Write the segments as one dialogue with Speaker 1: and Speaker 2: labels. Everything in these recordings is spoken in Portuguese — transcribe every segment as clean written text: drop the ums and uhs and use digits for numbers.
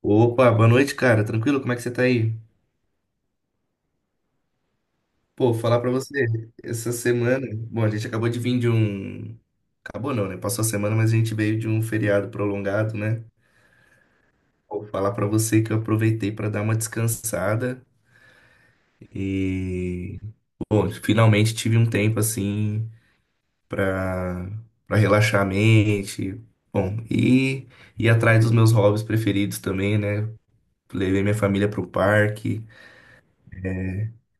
Speaker 1: Opa, boa noite, cara. Tranquilo? Como é que você tá aí? Pô, falar pra você, essa semana, bom, a gente acabou de vir de um, acabou não, né? Passou a semana, mas a gente veio de um feriado prolongado, né? Vou falar pra você que eu aproveitei pra dar uma descansada e, bom, finalmente tive um tempo assim pra para relaxar a mente, bom, e ir atrás dos meus hobbies preferidos também, né? Levei minha família pro parque.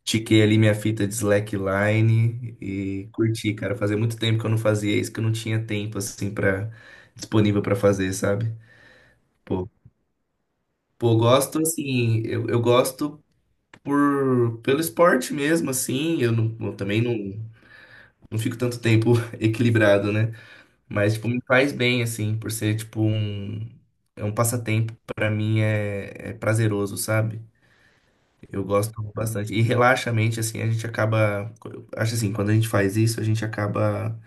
Speaker 1: Tiquei ali minha fita de slackline e curti, cara. Fazia muito tempo que eu não fazia isso, que eu não tinha tempo, assim, para disponível pra fazer, sabe? Pô, pô, eu gosto, assim, eu gosto pelo esporte mesmo, assim. Eu, não, eu também não fico tanto tempo equilibrado, né? Mas, tipo, me faz bem, assim, por ser, tipo, um, é um passatempo, pra mim é prazeroso, sabe? Eu gosto bastante. E relaxa a mente, assim, a gente acaba. Eu Acho assim, quando a gente faz isso, a gente acaba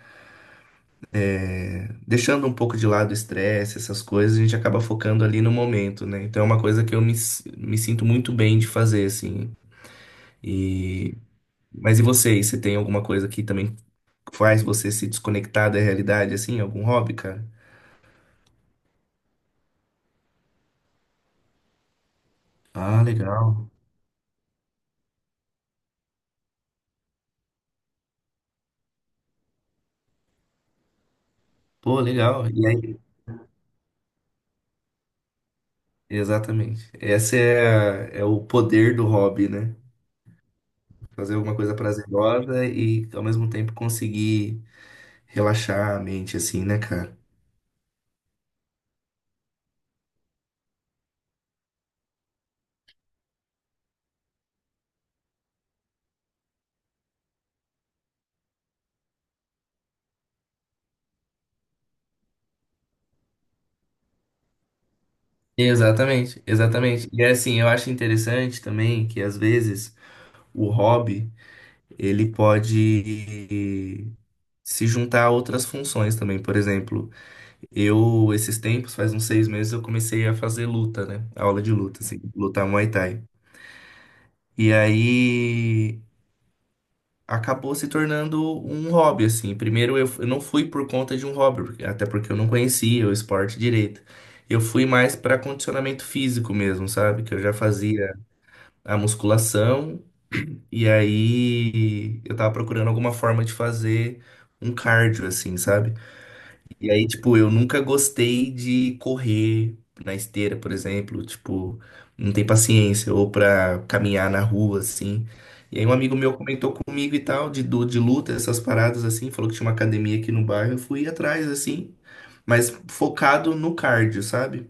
Speaker 1: deixando um pouco de lado o estresse, essas coisas, a gente acaba focando ali no momento, né? Então é uma coisa que me sinto muito bem de fazer, assim. E... Mas e você? E você tem alguma coisa que também faz você se desconectar da realidade, assim? Algum hobby, cara? Ah, legal. Pô, legal. E aí? Exatamente. É o poder do hobby, né? Fazer alguma coisa prazerosa e ao mesmo tempo conseguir relaxar a mente, assim, né, cara? Exatamente, exatamente. E assim, eu acho interessante também que às vezes o hobby ele pode se juntar a outras funções também. Por exemplo, eu esses tempos, faz uns 6 meses, eu comecei a fazer luta, né? Aula de luta, assim, lutar Muay Thai. E aí acabou se tornando um hobby, assim. Primeiro eu não fui por conta de um hobby, porque- até porque eu não conhecia o esporte direito. Eu fui mais para condicionamento físico mesmo, sabe? Que eu já fazia a musculação e aí eu tava procurando alguma forma de fazer um cardio, assim, sabe? E aí, tipo, eu nunca gostei de correr na esteira, por exemplo, tipo, não tem paciência, ou pra caminhar na rua, assim. E aí um amigo meu comentou comigo e tal, de luta, essas paradas, assim, falou que tinha uma academia aqui no bairro, eu fui atrás, assim, mas focado no cardio, sabe?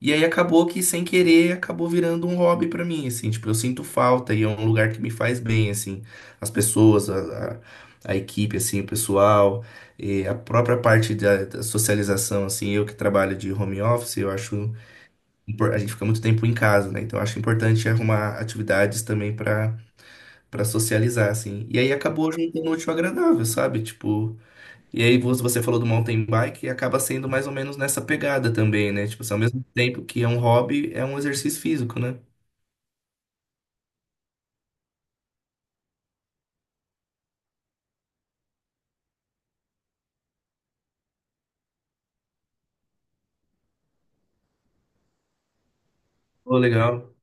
Speaker 1: E aí acabou que, sem querer, acabou virando um hobby pra mim, assim, tipo, eu sinto falta e é um lugar que me faz bem, assim, as pessoas, a equipe, assim, o pessoal, e a própria parte da socialização, assim, eu que trabalho de home office, eu acho, a gente fica muito tempo em casa, né, então eu acho importante arrumar atividades também pra para socializar, assim, e aí acabou juntando o útil ao agradável, sabe, tipo... E aí você falou do mountain bike e acaba sendo mais ou menos nessa pegada também, né? Tipo, assim, ao mesmo tempo que é um hobby, é um exercício físico, né? Pô, legal.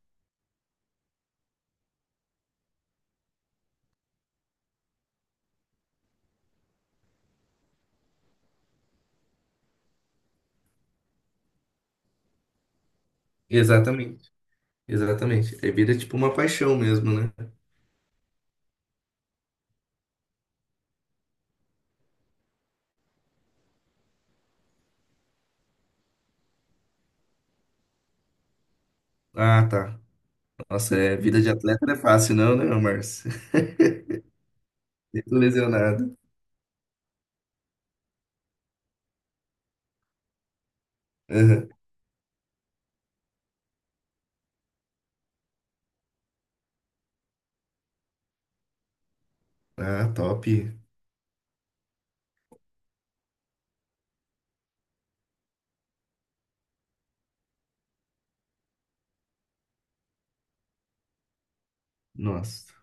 Speaker 1: Exatamente. Exatamente. É vida tipo uma paixão mesmo, né? Ah, tá. Nossa, é vida de atleta não é fácil, não, né, Márcio? Tô lesionado. Aham. Ah, top. Nossa.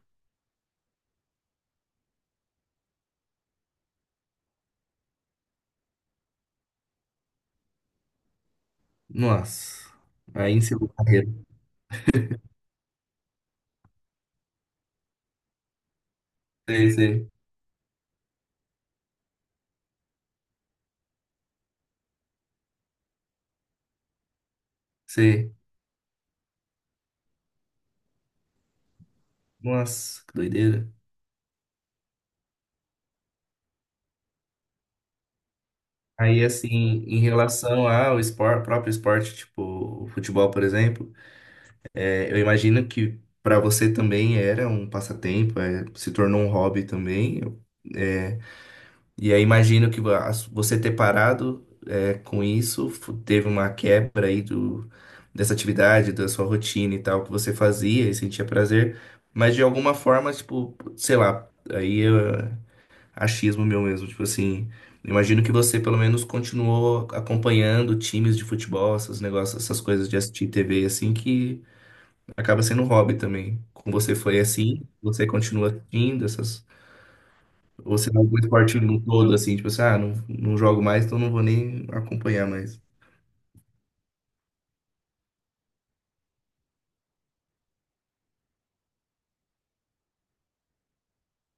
Speaker 1: Nossa. Aí encerrou a carreira. Sei, sei, sei. Nossa, que doideira. Aí, assim, em relação ao próprio esporte, tipo o futebol, por exemplo, é, eu imagino que para você também era um passatempo, é, se tornou um hobby também. É, e aí, imagino que você ter parado, é, com isso, teve uma quebra aí do, dessa atividade, da sua rotina e tal, que você fazia e sentia prazer, mas de alguma forma, tipo, sei lá, aí achismo meu mesmo. Tipo assim, imagino que você pelo menos continuou acompanhando times de futebol, esses negócios, essas coisas de assistir TV, assim, que acaba sendo um hobby também. Com você foi assim, você continua assistindo essas. Ou você dá algum esporte no todo, assim, tipo assim, ah, não, não jogo mais, então não vou nem acompanhar mais.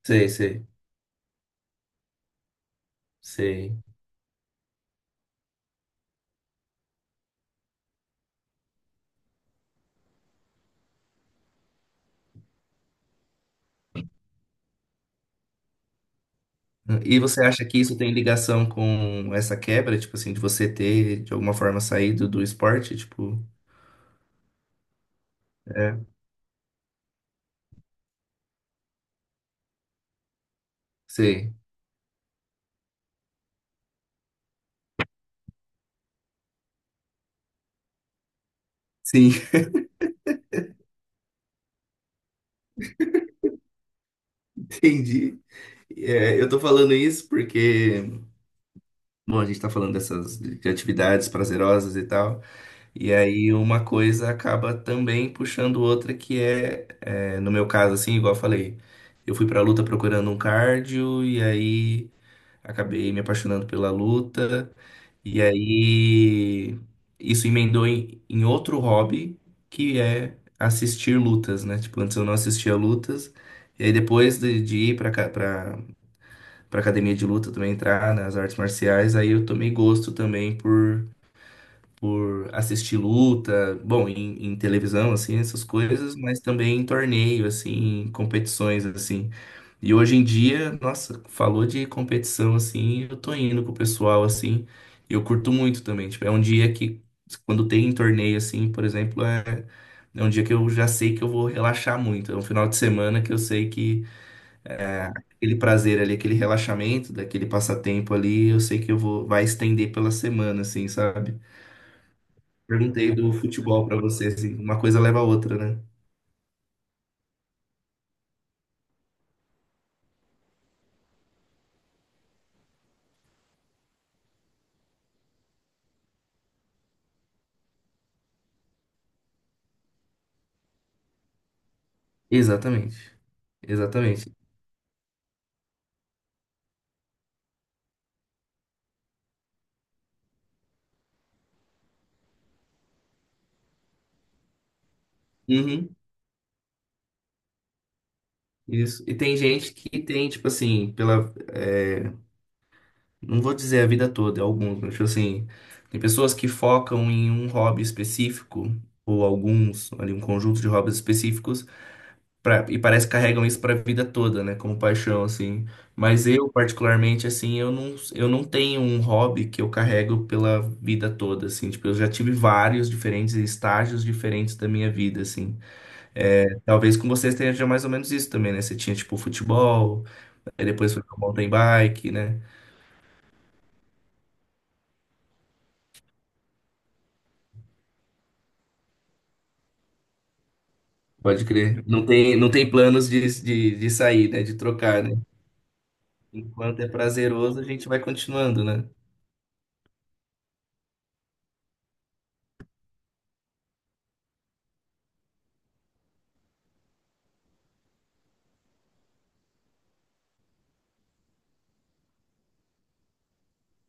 Speaker 1: Sei, sei, sei. E você acha que isso tem ligação com essa quebra, tipo assim, de você ter, de alguma forma, saído do esporte? Tipo, é, sei. Sim, entendi. É, eu tô falando isso porque, bom, a gente tá falando dessas de atividades prazerosas e tal, e aí uma coisa acaba também puxando outra que no meu caso, assim, igual eu falei, eu fui pra luta procurando um cardio, e aí acabei me apaixonando pela luta, e aí isso emendou em outro hobby, que é assistir lutas, né? Tipo, antes eu não assistia lutas, e aí depois de ir pra, cá- pra para academia de luta também entrar nas artes marciais, aí eu tomei gosto também por assistir luta, bom, em televisão, assim, essas coisas, mas também em torneio, assim, em competições, assim. E hoje em dia, nossa, falou de competição, assim, eu tô indo com o pessoal, assim, e eu curto muito também, tipo, é um dia que, quando tem torneio, assim, por exemplo, é... É um dia que eu já sei que eu vou relaxar muito. É um final de semana que eu sei que é, aquele prazer ali, aquele relaxamento, daquele passatempo ali, eu sei que vai estender pela semana, assim, sabe? Perguntei do futebol pra você, assim, uma coisa leva a outra, né? Exatamente. Exatamente. Uhum, isso. E tem gente que tem, tipo assim, não vou dizer a vida toda, é alguns, mas, tipo assim, tem pessoas que focam em um hobby específico, ou alguns, ali, um conjunto de hobbies específicos. E parece que carregam isso pra vida toda, né? Como paixão, assim. Mas eu, particularmente, assim, eu não tenho um hobby que eu carrego pela vida toda, assim. Tipo, eu já tive vários diferentes estágios diferentes da minha vida, assim. É, talvez com vocês tenha mais ou menos isso também, né? Você tinha, tipo, futebol, aí depois foi pro mountain bike, né? Pode crer. Não tem planos de sair, né? De trocar, né? Enquanto é prazeroso, a gente vai continuando, né?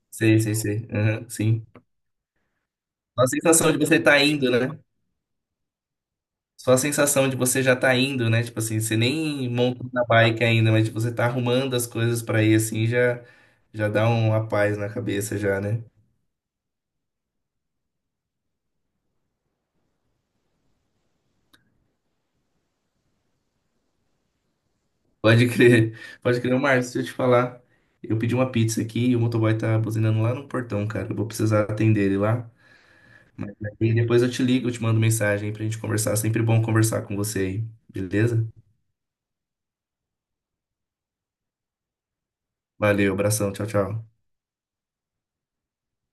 Speaker 1: Sei, sei, sei. Aham, sim. Só a sensação de você tá indo, né? Só a sensação de você já tá indo, né? Tipo assim, você nem montou na bike ainda, mas tipo, você tá arrumando as coisas pra ir assim, já dá uma paz na cabeça já, né? Pode crer. Pode crer, ô, Marcos, deixa eu te falar. Eu pedi uma pizza aqui e o motoboy tá buzinando lá no portão, cara. Eu vou precisar atender ele lá. E depois eu te ligo, eu te mando mensagem pra gente conversar. Sempre bom conversar com você aí, beleza? Valeu, abração, tchau, tchau.